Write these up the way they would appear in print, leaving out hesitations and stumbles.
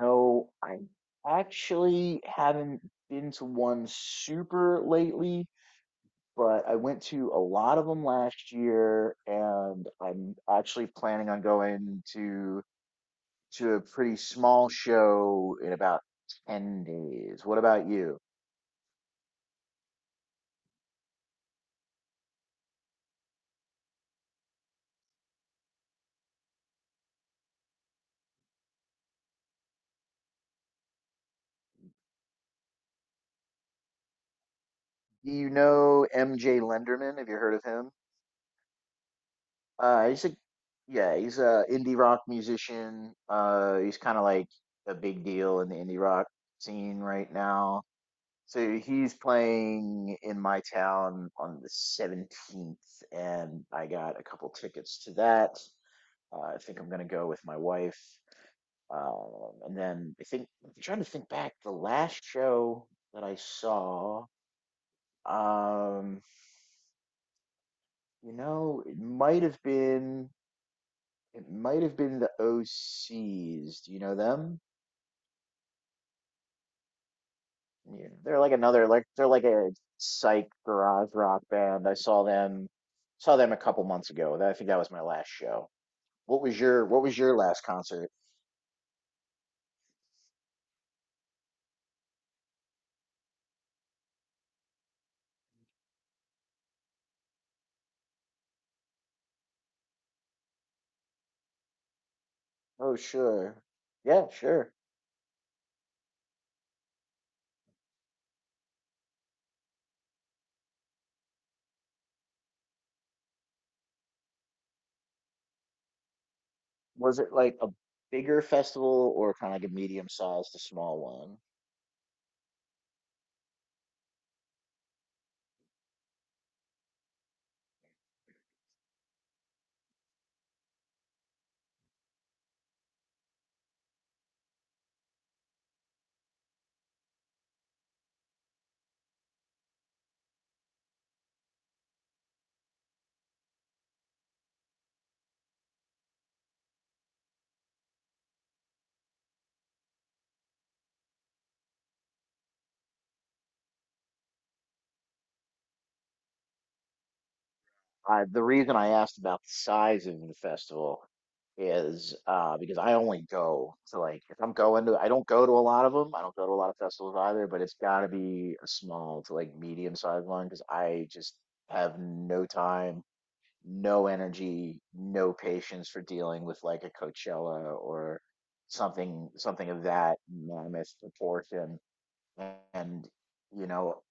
No, I actually haven't been to one super lately, but I went to a lot of them last year, and I'm actually planning on going to a pretty small show in about 10 days. What about you? Do you know MJ Lenderman? Have you heard of him? He's a Yeah, he's a indie rock musician. He's kind of like a big deal in the indie rock scene right now. So he's playing in my town on the 17th, and I got a couple tickets to that. I think I'm gonna go with my wife. And then I think I'm trying to think back, the last show that I saw, um, you know, it might have been the OCs. Do you know them? Yeah, they're like a psych garage rock band. I saw them a couple months ago. I think that was my last show. What was your last concert? Oh, sure. Yeah, sure. Was it like a bigger festival or kind of like a medium sized to small one? The reason I asked about the size of the festival is because I only go to like if I'm going to I don't go to a lot of them. I don't go to a lot of festivals either, but it's got to be a small to like medium sized one because I just have no time, no energy, no patience for dealing with like a Coachella or something of that mammoth proportion. And you know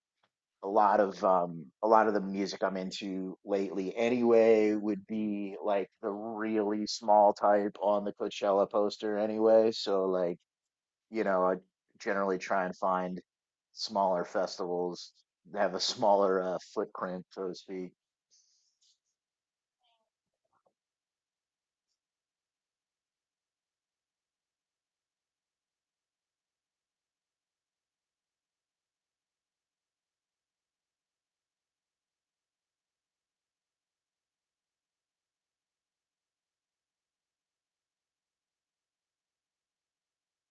a lot of the music I'm into lately anyway would be like the really small type on the Coachella poster anyway. So like, you know, I generally try and find smaller festivals that have a smaller footprint, so to speak.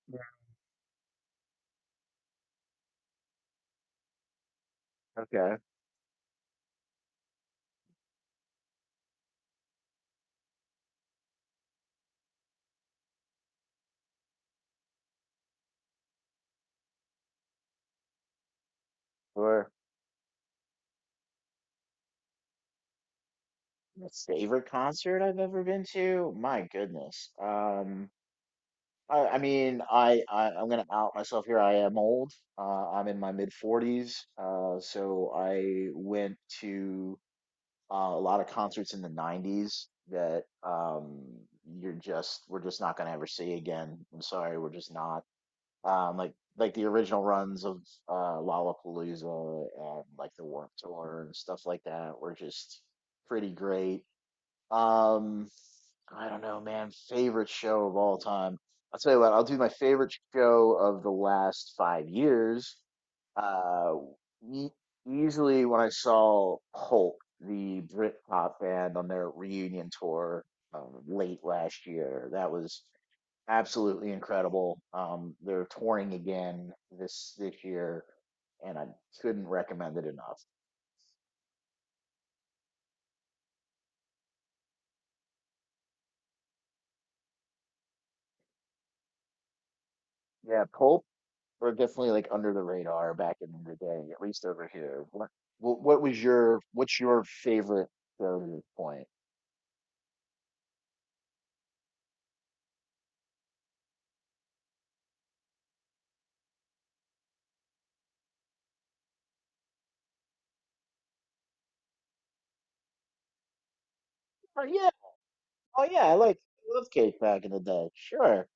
Yeah. Okay. Or my favorite concert I've ever been to? My goodness. I'm gonna out myself here. I am old. I'm in my mid 40s. So I went to a lot of concerts in the 90s that you're just we're just not gonna ever see again. I'm sorry, we're just not. Like the original runs of Lollapalooza and like the Warped Tour and stuff like that were just pretty great. Um, I don't know, man. Favorite show of all time. I'll tell you what, I'll do my favorite show of the last 5 years. Uh, e- easily when I saw Hulk, the Britpop band, on their reunion tour late last year. That was absolutely incredible. They're touring again this year, and I couldn't recommend it enough. Yeah, Pulp were definitely like under the radar back in the day, at least over here. What was your What's your favorite show to this point? Oh yeah, oh yeah, I love Cake back in the day. Sure.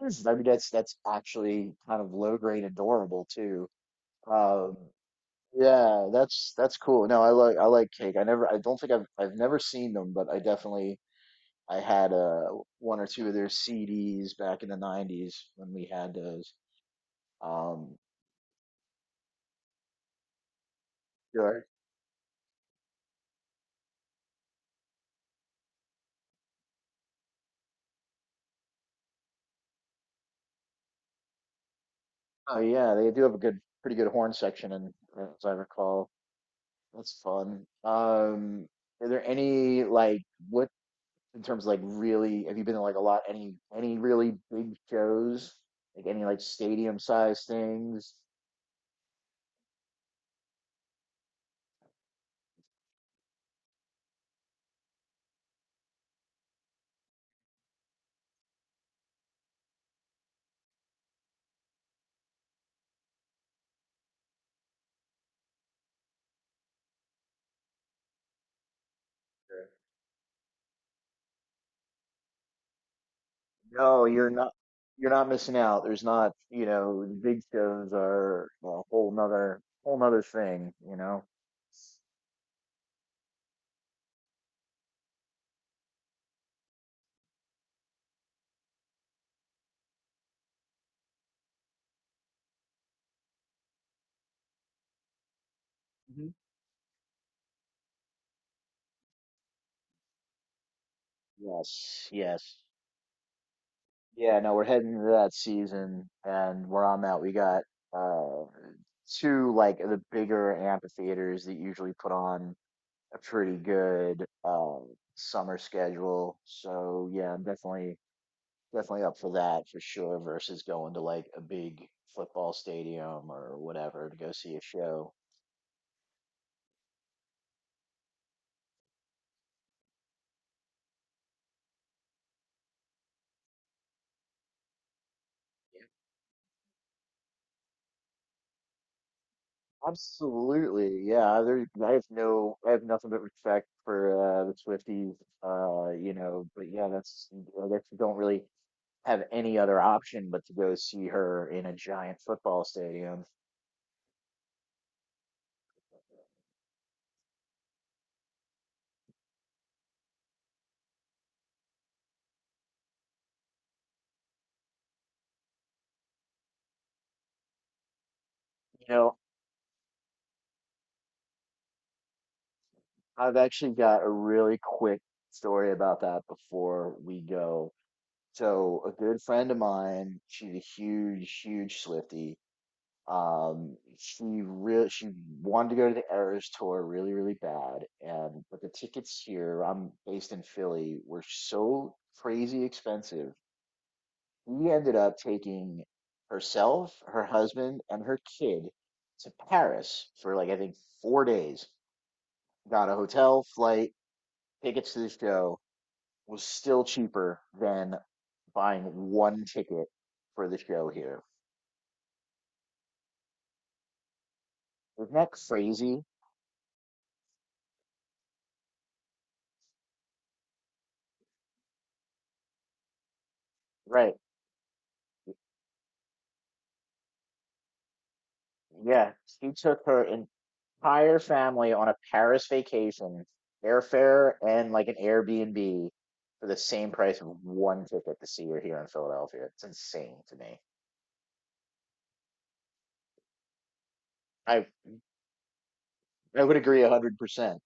I mean that's actually kind of low grade adorable too. Um, yeah, that's cool. No, I like Cake. I don't think I've never seen them, but I definitely I had one or two of their CDs back in the '90s when we had those. Um, Oh yeah, they do have a good, pretty good horn section, and as I recall, that's fun. Are there any like what in terms of like really? Have you been to like a lot? Any really big shows? Like any like stadium size things? No, you're not. You're not missing out. There's not, you know, the big shows are a whole nother thing, you know. Mhm. Yes, yes. Yeah, no, we're heading into that season, and where I'm at, we got uh, two like the bigger amphitheaters that usually put on a pretty good summer schedule. So yeah, I'm definitely up for that for sure. Versus going to like a big football stadium or whatever to go see a show. Absolutely, yeah. I have I have nothing but respect for the Swifties. You know, but yeah, that's I guess you don't really have any other option but to go see her in a giant football stadium. You know, I've actually got a really quick story about that before we go. So, a good friend of mine, she's a huge, huge Swifty. She wanted to go to the Eras tour really, really bad, and but the tickets here, I'm based in Philly, were so crazy expensive we ended up taking herself, her husband, and her kid to Paris for like I think 4 days. Got a hotel, flight, tickets to the show was still cheaper than buying one ticket for the show here. Isn't that crazy? Right. Yeah. She took her entire family on a Paris vacation, airfare and like an Airbnb for the same price of one ticket to see her here in Philadelphia. It's insane to me. I I would agree 100%.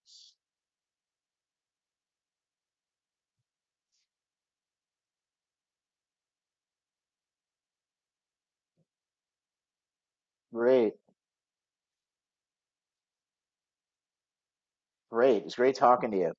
Great, great. It's great talking to you.